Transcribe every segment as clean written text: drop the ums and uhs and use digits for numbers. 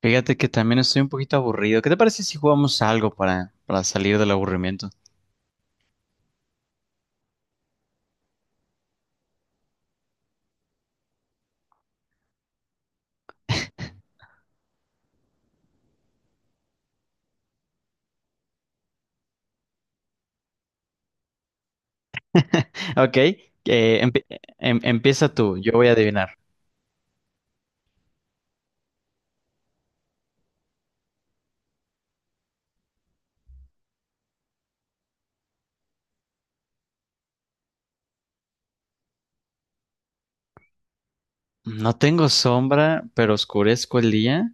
Fíjate que también estoy un poquito aburrido. ¿Qué te parece si jugamos algo para salir del aburrimiento? Ok, empie- empieza tú, yo voy a adivinar. No tengo sombra, pero oscurezco el día.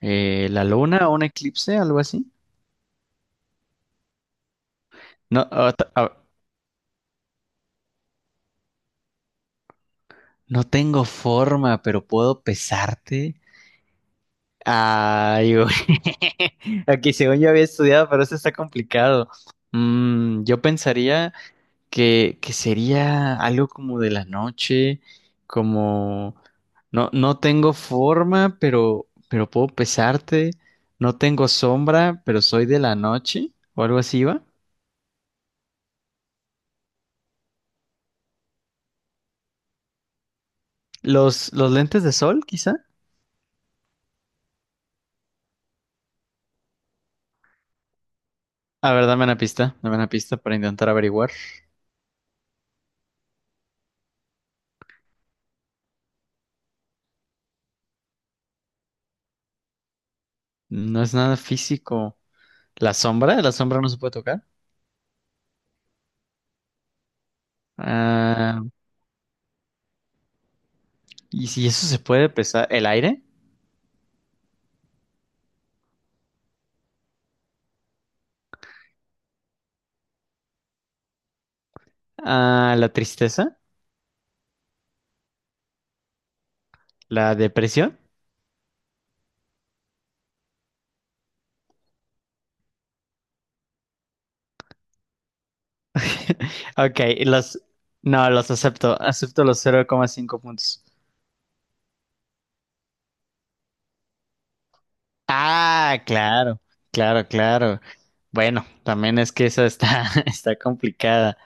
¿La luna o un eclipse, algo así? No, no tengo forma, pero puedo pesarte. Ay, güey. Aquí según yo había estudiado, pero eso está complicado. Mm, yo pensaría que sería algo como de la noche, como no tengo forma, pero puedo pesarte, no tengo sombra, pero soy de la noche, o algo así va. Los lentes de sol, quizá. A ver, dame una pista para intentar averiguar. No es nada físico. La sombra no se puede tocar. Ah, y si eso se puede pesar, el aire. Ah, la tristeza, la depresión. Ok, los... No, los acepto. Acepto los 0,5 puntos. Ah, claro, claro, claro. Bueno, también es que esa está, está complicada.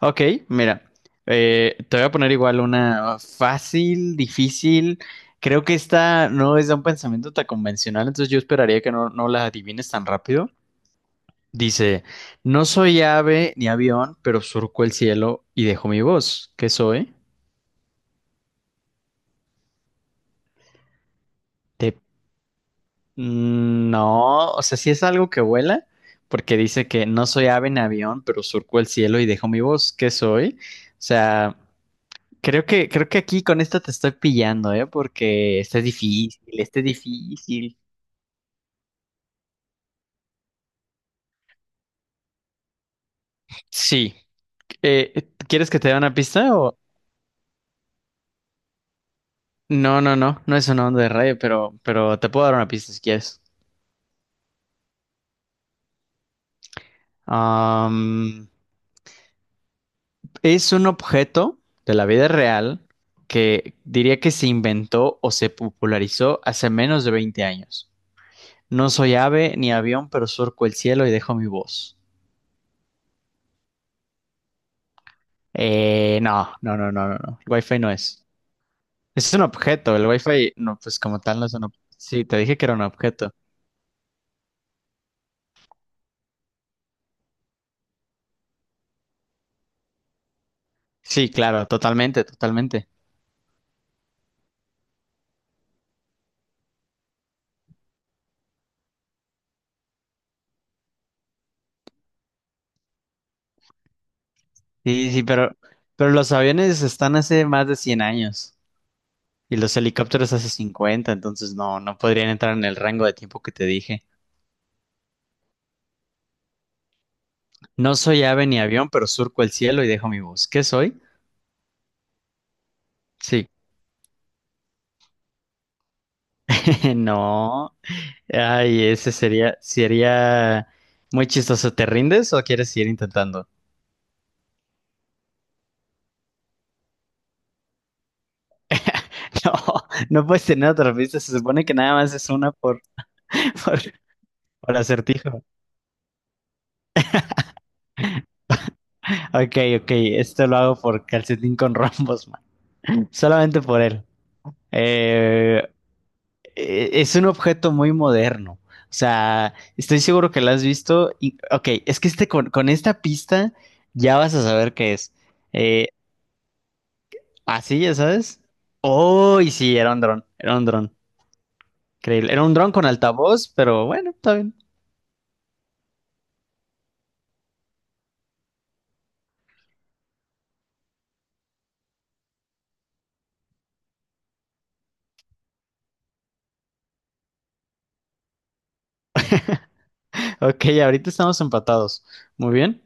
Ok, mira, te voy a poner igual una fácil, difícil. Creo que esta no es de un pensamiento tan convencional, entonces yo esperaría que no la adivines tan rápido. Dice, no soy ave ni avión, pero surco el cielo y dejo mi voz. ¿Qué soy? Te Mm, no, o sea, sí es algo que vuela, porque dice que no soy ave en avión, pero surco el cielo y dejo mi voz. ¿Qué soy? O sea, creo que aquí con esta te estoy pillando, ¿eh? Porque está difícil, está difícil. Sí. ¿Quieres que te dé una pista o...? No, no, no, no es una onda de radio, pero te puedo dar una pista si quieres. Am, Es un objeto de la vida real que diría que se inventó o se popularizó hace menos de 20 años. No soy ave ni avión, pero surco el cielo y dejo mi voz. No, no, no, no, no, no. El Wi-Fi no es. Es un objeto. El Wi-Fi, no, pues como tal no es un objeto. Sí, te dije que era un objeto. Sí, claro, totalmente, totalmente. Sí, sí, pero los aviones están hace más de 100 años y los helicópteros hace 50, entonces no, no podrían entrar en el rango de tiempo que te dije. No soy ave ni avión, pero surco el cielo y dejo mi voz. ¿Qué soy? Sí. No. Ay, ese sería, sería muy chistoso. ¿Te rindes o quieres seguir intentando? No, no puedes tener otra pista. Se supone que nada más es una por, por acertijo. Ok, ok. Esto lo hago por calcetín con rombos, man. Solamente por él. Eh, es un objeto muy moderno. O sea, estoy seguro que lo has visto. Y, ok, es que este, con esta pista ya vas a saber qué es. Eh, Así, ya sabes. Oh, y sí, era un dron, era un dron. Increíble. Era un dron con altavoz, pero bueno, está bien. Ok, ahorita estamos empatados. Muy bien.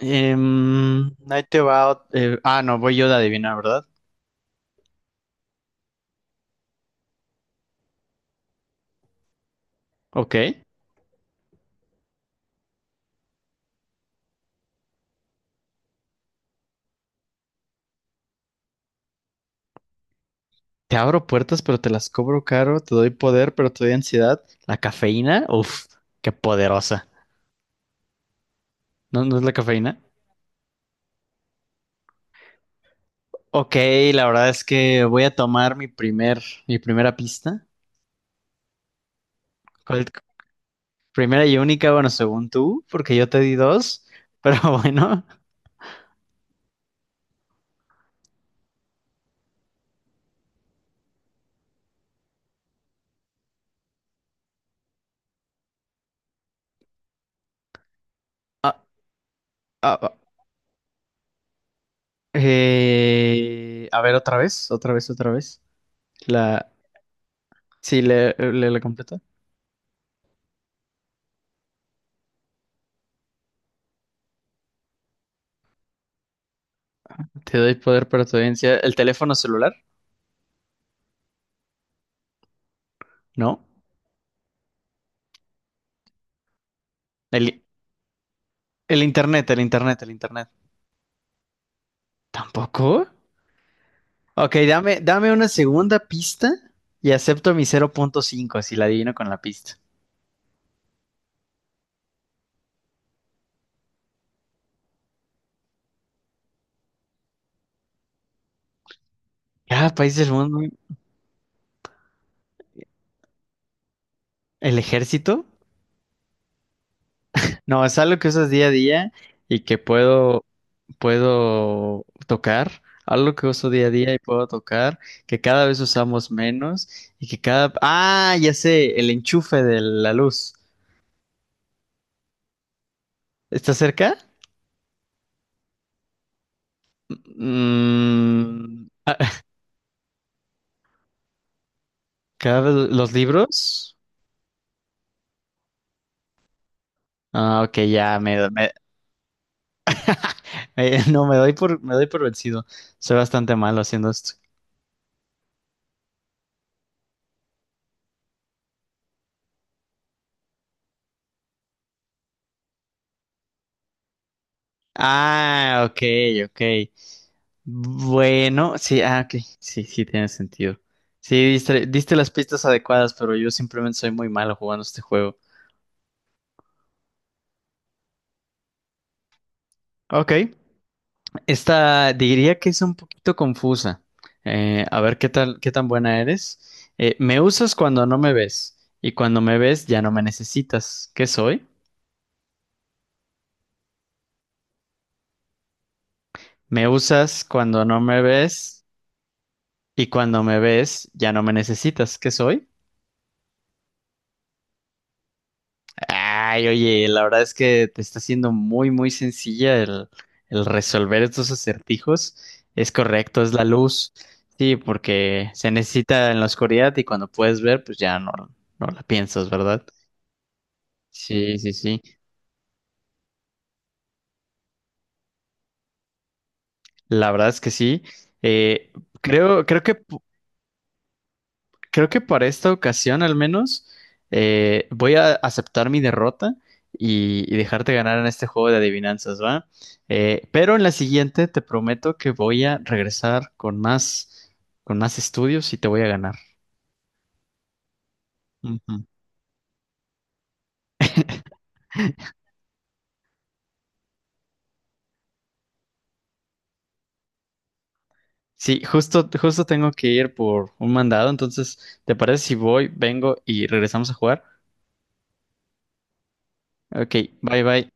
Em, ahí te va. No, voy yo de adivinar, ¿verdad? Ok. Te abro puertas, pero te las cobro caro, te doy poder, pero te doy ansiedad. La cafeína, uff, qué poderosa. ¿No, no es la cafeína? Ok, la verdad es que voy a tomar mi primera pista. ¿Cuál- Primera y única, bueno, según tú, porque yo te di dos, pero bueno. Ah, ah, ah, a ver, otra vez, otra vez, otra vez. La, sí, la completa. Te doy poder, pero te doy ansiedad. ¿El teléfono celular? No. El, el internet, el internet, el internet. ¿Tampoco? Ok, dame, dame una segunda pista y acepto mi 0.5 si la adivino con la pista. Cada país del mundo, el ejército. No, es algo que usas día a día y que puedo tocar. Algo que uso día a día y puedo tocar, que cada vez usamos menos y que cada... Ah, ya sé, el enchufe de la luz. ¿Está cerca? Mm, cada vez los libros. Ah, ok, No, me doy por vencido. Soy bastante malo haciendo esto. Ah, ok, ok. Bueno, sí, ah, ok. Sí, sí, tiene sentido. Sí, diste, diste las pistas adecuadas, pero yo simplemente soy muy malo jugando este juego. Ok. Esta diría que es un poquito confusa. A ver qué tal, qué tan buena eres. Me usas cuando no me ves y cuando me ves ya no me necesitas. ¿Qué soy? Me usas cuando no me ves y cuando me ves, ya no me necesitas. ¿Qué soy? Ay, oye, la verdad es que te está siendo muy, muy sencilla el resolver estos acertijos. Es correcto, es la luz. Sí, porque se necesita en la oscuridad y cuando puedes ver, pues ya no, no la piensas, ¿verdad? Sí, sí, sí. La verdad es que sí. Eh, Creo que Creo que para esta ocasión al menos voy a aceptar mi derrota y dejarte ganar en este juego de adivinanzas, ¿va? Pero en la siguiente te prometo que voy a regresar con más estudios y te voy a ganar. Ujú. Sí, justo, justo tengo que ir por un mandado, entonces, ¿te parece si voy, vengo y regresamos a jugar? Ok, bye bye.